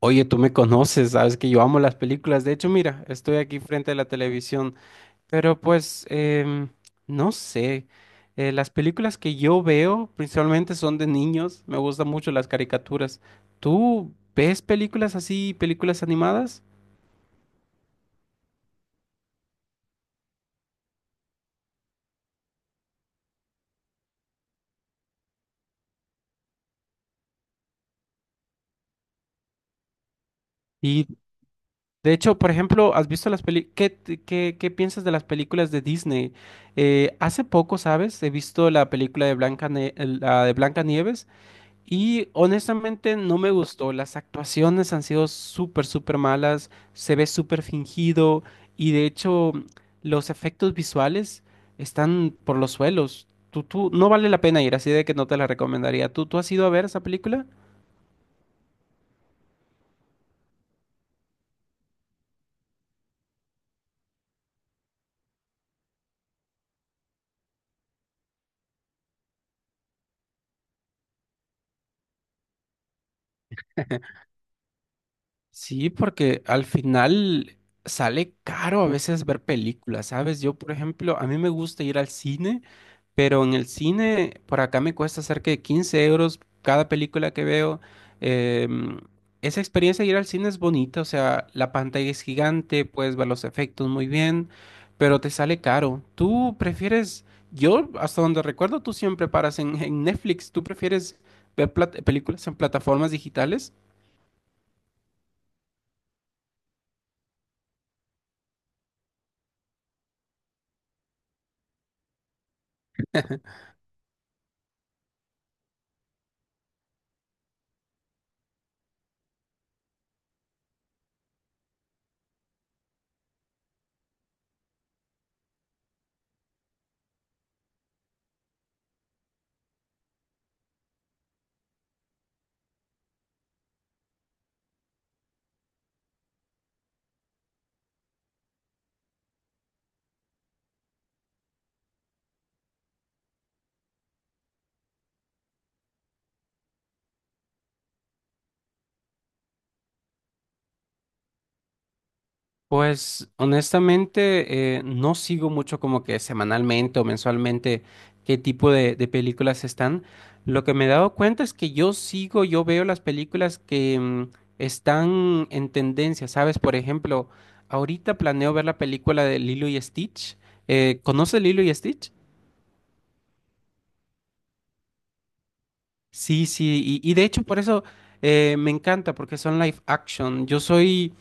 Oye, tú me conoces, sabes que yo amo las películas. De hecho, mira, estoy aquí frente a la televisión, pero pues, no sé. Las películas que yo veo principalmente son de niños. Me gustan mucho las caricaturas. ¿Tú ves películas así, películas animadas? Y de hecho, por ejemplo, ¿has visto las películas? ¿Qué, qué, qué piensas de las películas de Disney? Hace poco, ¿sabes? He visto la película de la de Blancanieves. Y honestamente no me gustó. Las actuaciones han sido súper malas. Se ve súper fingido. Y de hecho, los efectos visuales están por los suelos. No vale la pena ir, así de que no te la recomendaría. Tú has ido a ver esa película? Sí, porque al final sale caro a veces ver películas, ¿sabes? Yo, por ejemplo, a mí me gusta ir al cine. Pero en el cine, por acá me cuesta cerca de 15 euros cada película que veo. Em, esa experiencia de ir al cine es bonita, o sea, la pantalla es gigante, puedes ver los efectos muy bien, pero te sale caro. ¿Tú prefieres, yo hasta donde recuerdo, tú siempre paras en Netflix, ¿tú prefieres ver películas en plataformas digitales? Pues honestamente no sigo mucho como que semanalmente o mensualmente qué tipo de películas están. Lo que me he dado cuenta es que yo sigo, yo veo las películas que están en tendencia, ¿sabes? Por ejemplo, ahorita planeo ver la película de Lilo y Stitch. ¿Conoces Lilo y Stitch? Sí, sí, y de hecho por eso me encanta, porque son live action. Yo soy,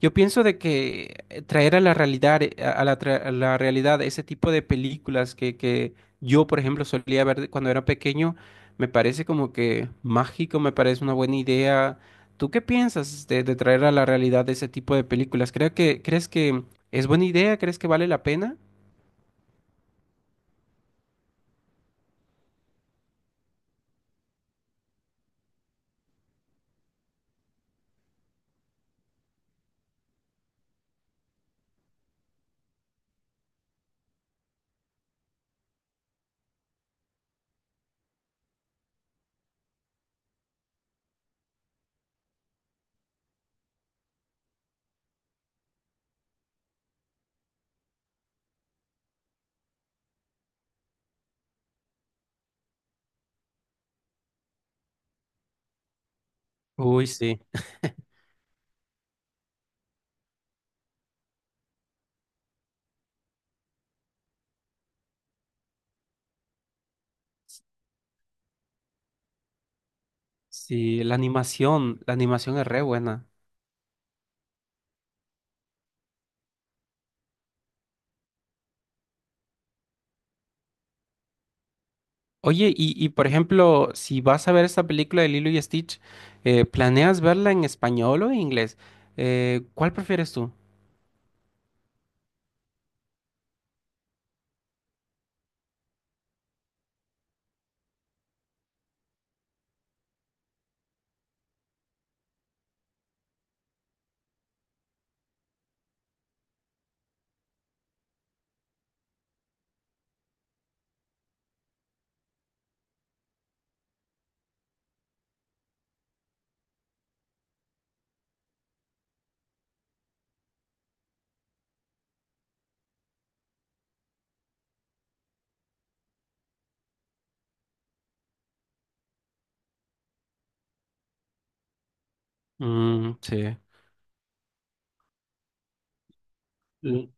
yo pienso de que traer a la realidad, a la realidad ese tipo de películas que yo, por ejemplo, solía ver cuando era pequeño, me parece como que mágico, me parece una buena idea. ¿Tú qué piensas de traer a la realidad ese tipo de películas? ¿Creo que, crees que es buena idea? ¿Crees que vale la pena? Uy, sí. Sí, la animación es re buena. Oye, y por ejemplo, si vas a ver esta película de Lilo y Stitch, ¿planeas verla en español o en inglés? ¿Cuál prefieres tú? Mm, sí. L-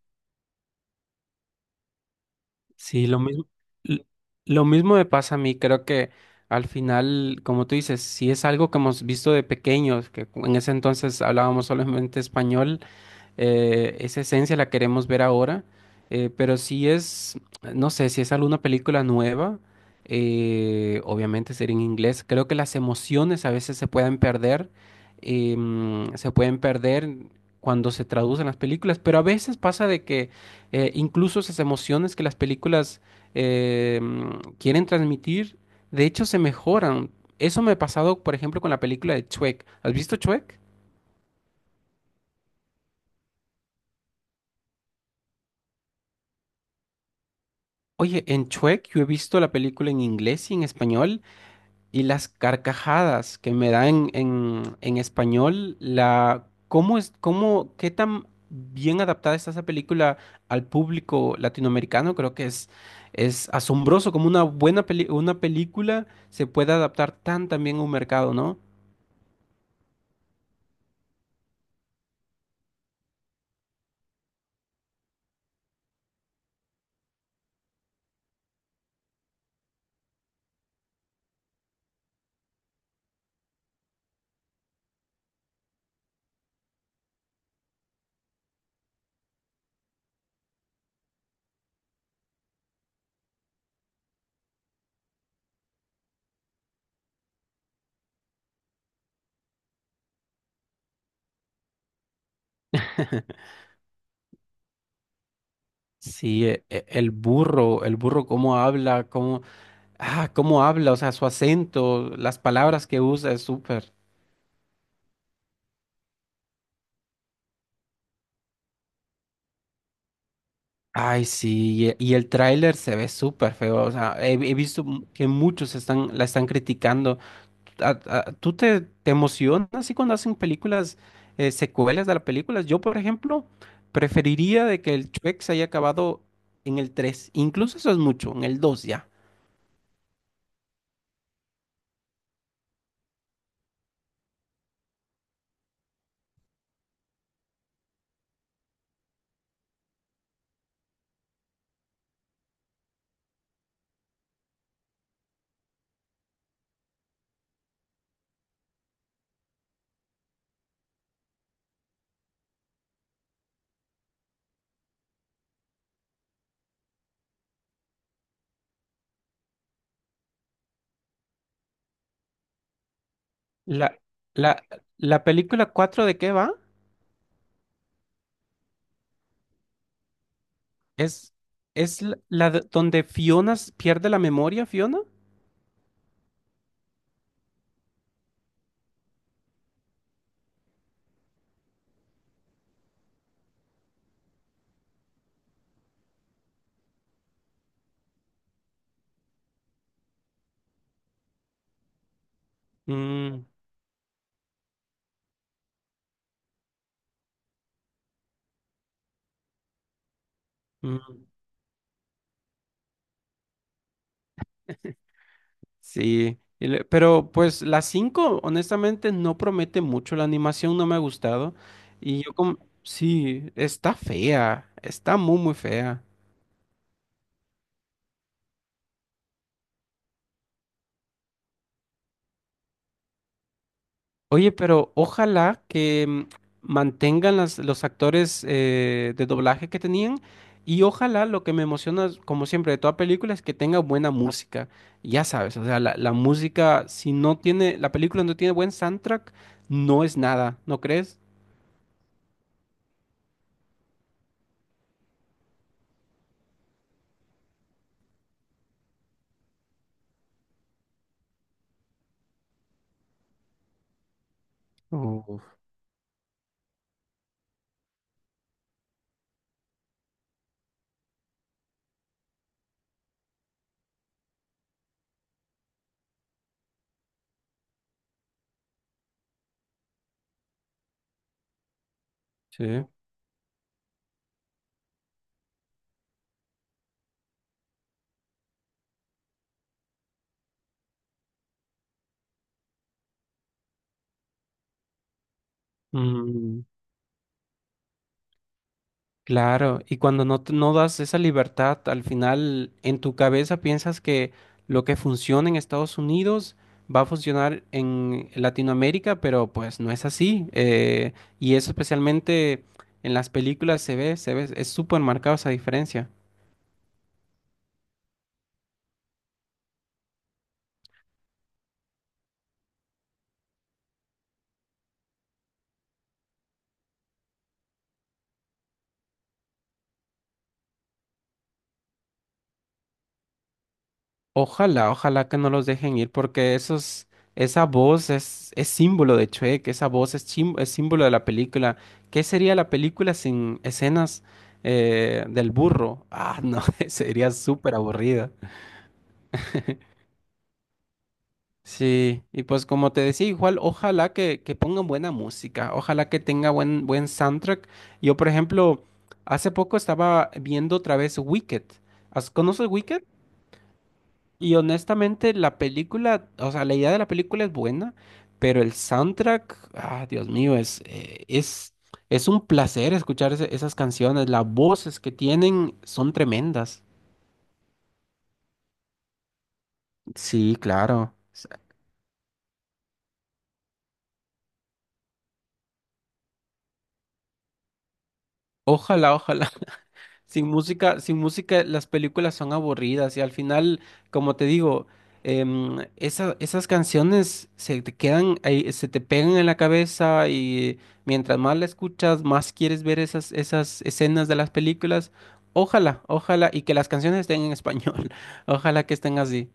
Sí, lo mismo, l- lo mismo me pasa a mí. Creo que al final, como tú dices, si es algo que hemos visto de pequeños, que en ese entonces hablábamos solamente español, esa esencia la queremos ver ahora, pero si es, no sé, si es alguna película nueva, obviamente sería en inglés. Creo que las emociones a veces se pueden perder, se pueden perder cuando se traducen las películas, pero a veces pasa de que incluso esas emociones que las películas quieren transmitir, de hecho se mejoran. Eso me ha pasado, por ejemplo, con la película de Shrek. ¿Has visto Shrek? Oye, en Shrek yo he visto la película en inglés y en español y las carcajadas que me dan en, en español, la, ¿cómo es, cómo, qué tan bien adaptada está esa película al público latinoamericano? Creo que es asombroso como una una película se puede adaptar tan tan bien a un mercado, ¿no? Sí, el burro cómo habla, cómo, ah, cómo habla, o sea, su acento, las palabras que usa es súper. Ay, sí, y el tráiler se ve súper feo, o sea, he visto que muchos están, la están criticando. ¿Tú te, te emocionas así cuando hacen películas, secuelas de las películas? Yo, por ejemplo, preferiría de que el Shrek se haya acabado en el tres, incluso eso es mucho, en el dos ya. La, la, la película cuatro, ¿de qué va? Es, es la, la donde Fiona pierde la memoria, Fiona. Mm, mm. Sí, y pero pues la 5, honestamente no promete mucho, la animación no me ha gustado y yo como, sí, está fea, está muy muy fea. Oye, pero ojalá que mantengan los actores de doblaje que tenían y ojalá lo que me emociona, como siempre, de toda película es que tenga buena música. Ya sabes, o sea, la música, si no tiene, la película no tiene buen soundtrack, no es nada, ¿no crees? Uf, sí. Mm. Claro, y cuando no, no das esa libertad, al final en tu cabeza piensas que lo que funciona en Estados Unidos va a funcionar en Latinoamérica, pero pues no es así. Y eso especialmente en las películas se ve, es súper marcada esa diferencia. Ojalá, ojalá que no los dejen ir porque esos, esa voz es símbolo de Shrek, esa voz es, es símbolo de la película. ¿Qué sería la película sin escenas del burro? Ah, no, sería súper aburrida. Sí, y pues como te decía, igual ojalá que pongan buena música, ojalá que tenga buen, buen soundtrack. Yo, por ejemplo, hace poco estaba viendo otra vez Wicked. ¿Conoces Wicked? Y honestamente, la película, o sea, la idea de la película es buena, pero el soundtrack, ah, Dios mío, es un placer escuchar esas canciones. Las voces que tienen son tremendas. Sí, claro. Ojalá, ojalá. Sin música, sin música las películas son aburridas y al final, como te digo, esas canciones se te quedan ahí, se te pegan en la cabeza y mientras más la escuchas, más quieres ver esas, esas escenas de las películas. Ojalá, ojalá, y que las canciones estén en español. Ojalá que estén así.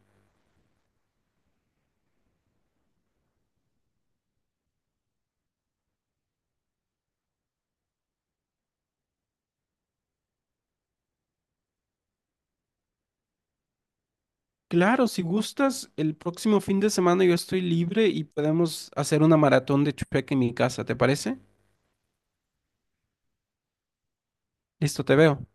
Claro, si gustas, el próximo fin de semana yo estoy libre y podemos hacer una maratón de Shrek en mi casa, ¿te parece? Listo, te veo.